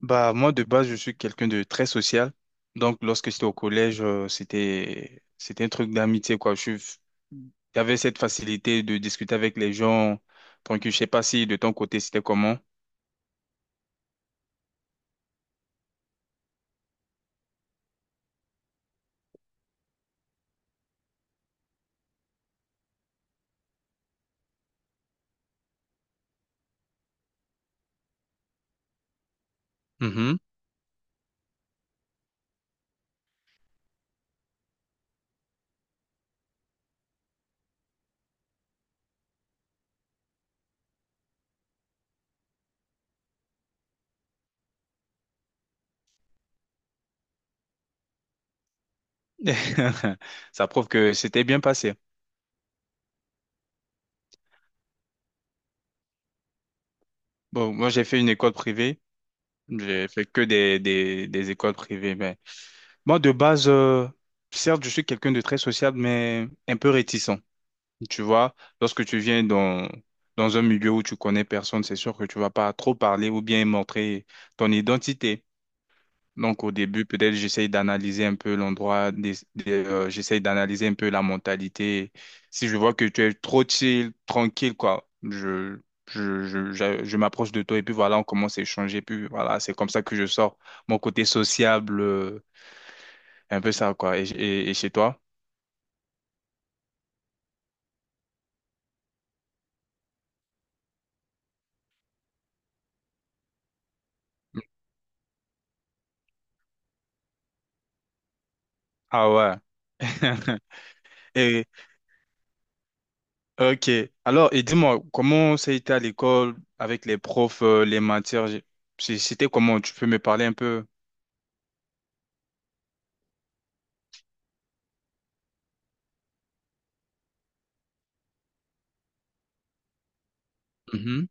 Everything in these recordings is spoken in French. Bah, moi, de base, je suis quelqu'un de très social. Donc, lorsque j'étais au collège, c'était un truc d'amitié, quoi. J'avais cette facilité de discuter avec les gens. Donc je sais pas si de ton côté, c'était comment. Mhm. Ça prouve que c'était bien passé. Bon, moi, j'ai fait une école privée. J'ai fait que des écoles privées. Mais moi, de base, certes, je suis quelqu'un de très sociable, mais un peu réticent. Tu vois, lorsque tu viens dans un milieu où tu connais personne, c'est sûr que tu vas pas trop parler ou bien montrer ton identité. Donc au début, peut-être j'essaye d'analyser un peu l'endroit, j'essaye d'analyser un peu la mentalité. Si je vois que tu es trop chill, tranquille, quoi, je m'approche de toi et puis voilà, on commence à échanger. Puis voilà, c'est comme ça que je sors mon côté sociable, un peu ça, quoi. Et chez toi? Ah ouais. Et Ok. Alors, et dis-moi, comment ça a été à l'école avec les profs, les matières? C'était comment? Tu peux me parler un peu? Mhm.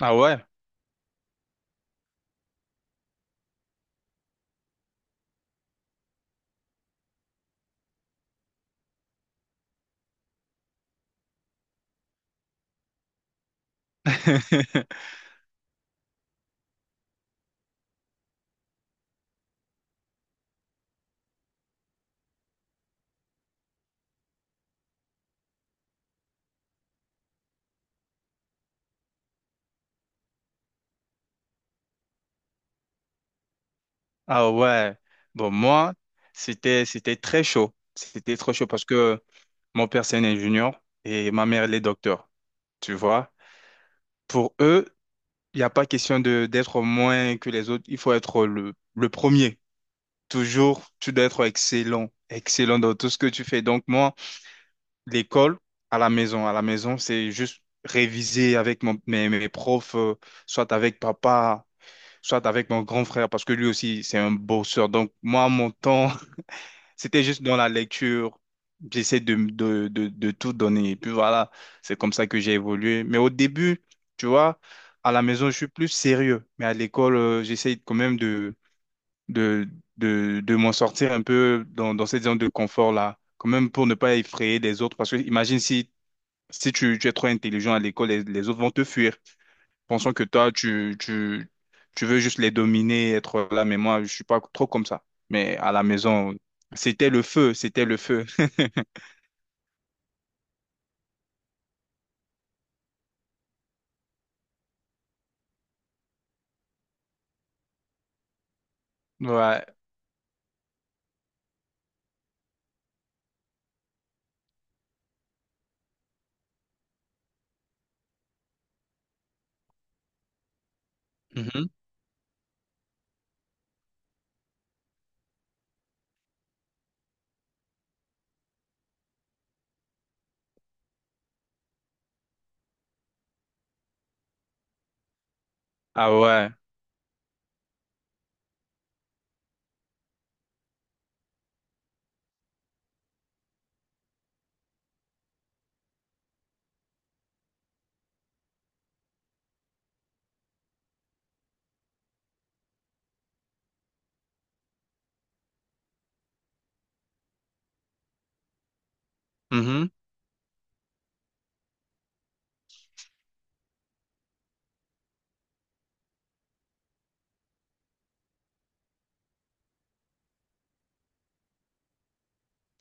Ah ouais. Ah ouais. Bon, moi, c'était très chaud. C'était trop chaud parce que mon père, c'est un ingénieur et ma mère, elle est docteur. Tu vois? Pour eux, il n'y a pas question de d'être moins que les autres. Il faut être le premier. Toujours, tu dois être excellent. Excellent dans tout ce que tu fais. Donc, moi, l'école à la maison. À la maison, c'est juste réviser avec mes profs, soit avec papa, soit avec mon grand frère, parce que lui aussi, c'est un bosseur. Donc, moi, mon temps, c'était juste dans la lecture. J'essaie de tout donner. Et puis voilà, c'est comme ça que j'ai évolué. Mais au début, tu vois, à la maison, je suis plus sérieux. Mais à l'école, j'essaie quand même de, de m'en sortir un peu dans cette zone de confort-là. Quand même pour ne pas effrayer les autres. Parce que imagine si tu es trop intelligent à l'école, les autres vont te fuir, pensant que toi, tu veux juste les dominer, être là. Mais moi, je suis pas trop comme ça. Mais à la maison, c'était le feu, c'était le feu. Ouais. Mhm. Ah ouais. Mhm.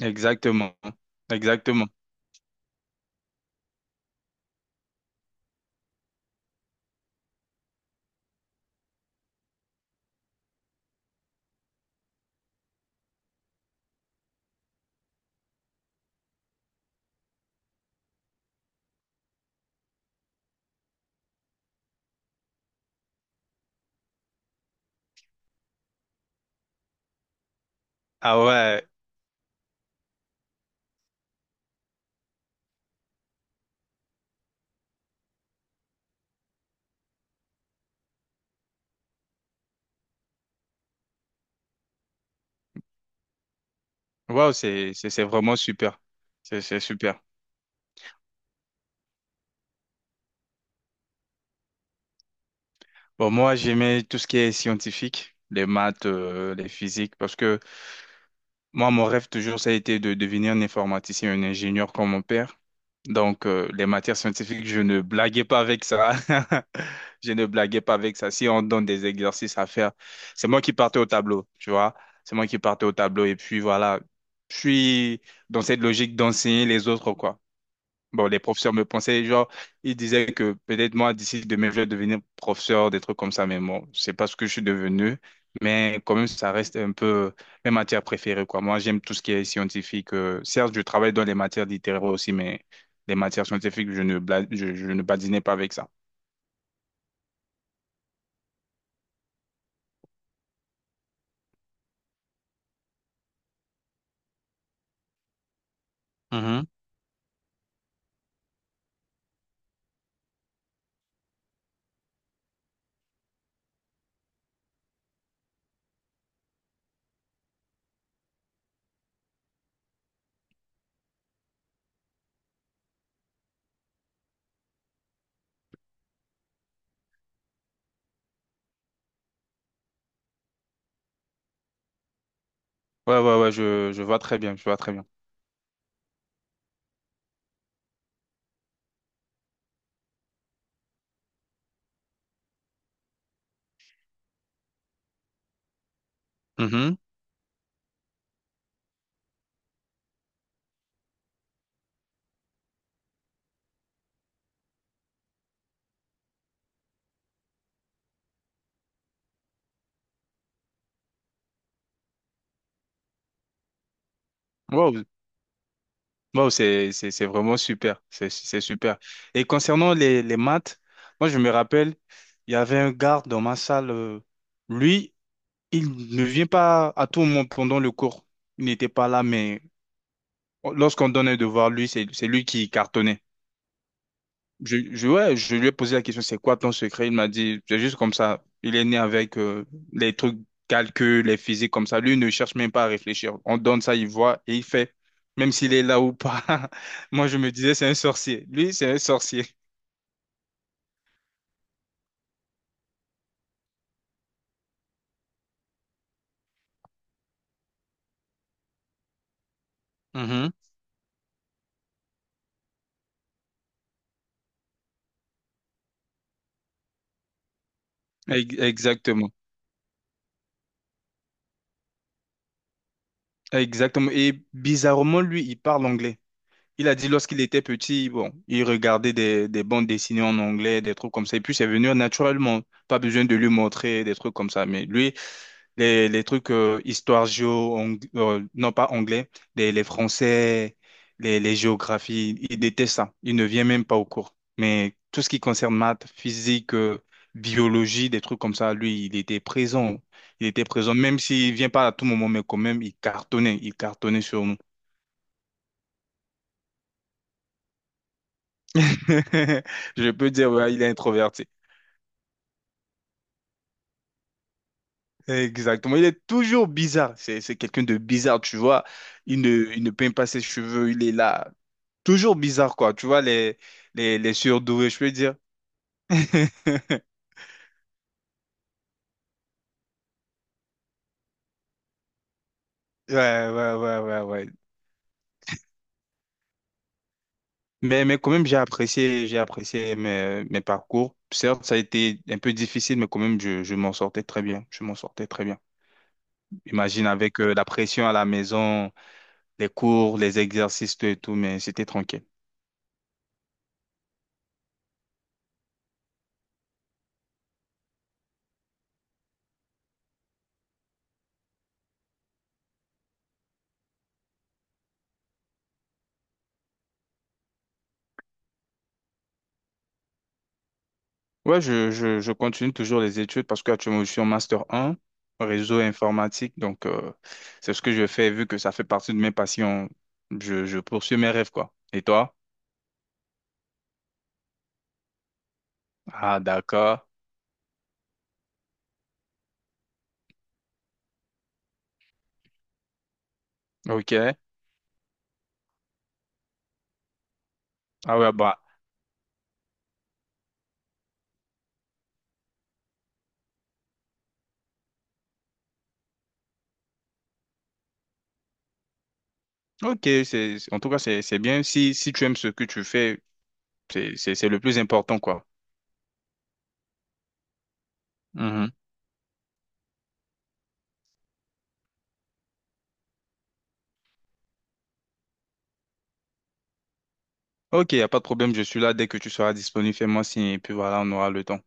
Exactement. Exactement. Ah ouais. Wow, c'est vraiment super. C'est super. Bon, moi, j'aimais tout ce qui est scientifique, les maths, les physiques, parce que moi, mon rêve toujours, ça a été de devenir un informaticien, un ingénieur comme mon père. Donc, les matières scientifiques, je ne blaguais pas avec ça. Je ne blaguais pas avec ça. Si on donne des exercices à faire, c'est moi qui partais au tableau, tu vois. C'est moi qui partais au tableau. Et puis voilà, je suis dans cette logique d'enseigner les autres, quoi. Bon, les professeurs me pensaient, genre, ils disaient que peut-être moi, d'ici demain, je vais devenir professeur, des trucs comme ça, mais bon, c'est pas ce que je suis devenu. Mais quand même, ça reste un peu mes matières préférées, quoi. Moi, j'aime tout ce qui est scientifique. Certes, je travaille dans les matières littéraires aussi, mais les matières scientifiques, je ne badinais pas avec ça. Mhm. Ouais, ouais, ouais, je vois très bien, je vois très bien. Mhm. Wow, Wow, c'est vraiment super. C'est super. Et concernant les maths, moi, je me rappelle, il y avait un garde dans ma salle. Lui, il ne vient pas à tout moment pendant le cours. Il n'était pas là, mais lorsqu'on donnait devoir, lui, c'est lui qui cartonnait. Ouais, je lui ai posé la question, c'est quoi ton secret? Il m'a dit, c'est juste comme ça. Il est né avec les trucs calculs, les physiques comme ça. Lui ne cherche même pas à réfléchir. On donne ça, il voit et il fait, même s'il est là ou pas. Moi, je me disais, c'est un sorcier. Lui, c'est un sorcier. Mhm. Exactement. Exactement. Et bizarrement, lui, il parle anglais. Il a dit lorsqu'il était petit, bon, il regardait des bandes dessinées en anglais, des trucs comme ça. Et puis, c'est venu naturellement. Pas besoin de lui montrer des trucs comme ça. Mais lui, les trucs histoire géo, non pas anglais, les français, les géographies, ils détestent ça. Ils ne viennent même pas au cours. Mais tout ce qui concerne maths, physique, biologie, des trucs comme ça, lui, il était présent. Il était présent, même s'il vient pas à tout moment, mais quand même, il cartonnait sur nous. Je peux dire, ouais, il est introverti. Exactement. Il est toujours bizarre. C'est quelqu'un de bizarre, tu vois. Il ne, il ne peint pas ses cheveux, il est là. Toujours bizarre, quoi. Tu vois, les surdoués, je peux dire. Ouais, ouais, ouais, ouais, ouais. Mais quand même, j'ai apprécié mes parcours. Certes, ça a été un peu difficile, mais quand même, je m'en sortais très bien. Je m'en sortais très bien. Imagine avec la pression à la maison. Les cours, les exercices, tout et tout, mais c'était tranquille. Ouais, je continue toujours les études parce qu'actuellement, je suis en Master 1, réseau informatique. Donc, c'est ce que je fais vu que ça fait partie de mes passions. Je poursuis mes rêves, quoi. Et toi? Ah, d'accord. OK. Ah ouais, bah, Ok, c'est, en tout cas, c'est bien. Si tu aimes ce que tu fais, c'est le plus important, quoi. Mhm. Ok, il n'y a pas de problème, je suis là dès que tu seras disponible, fais-moi signe, et puis voilà, on aura le temps.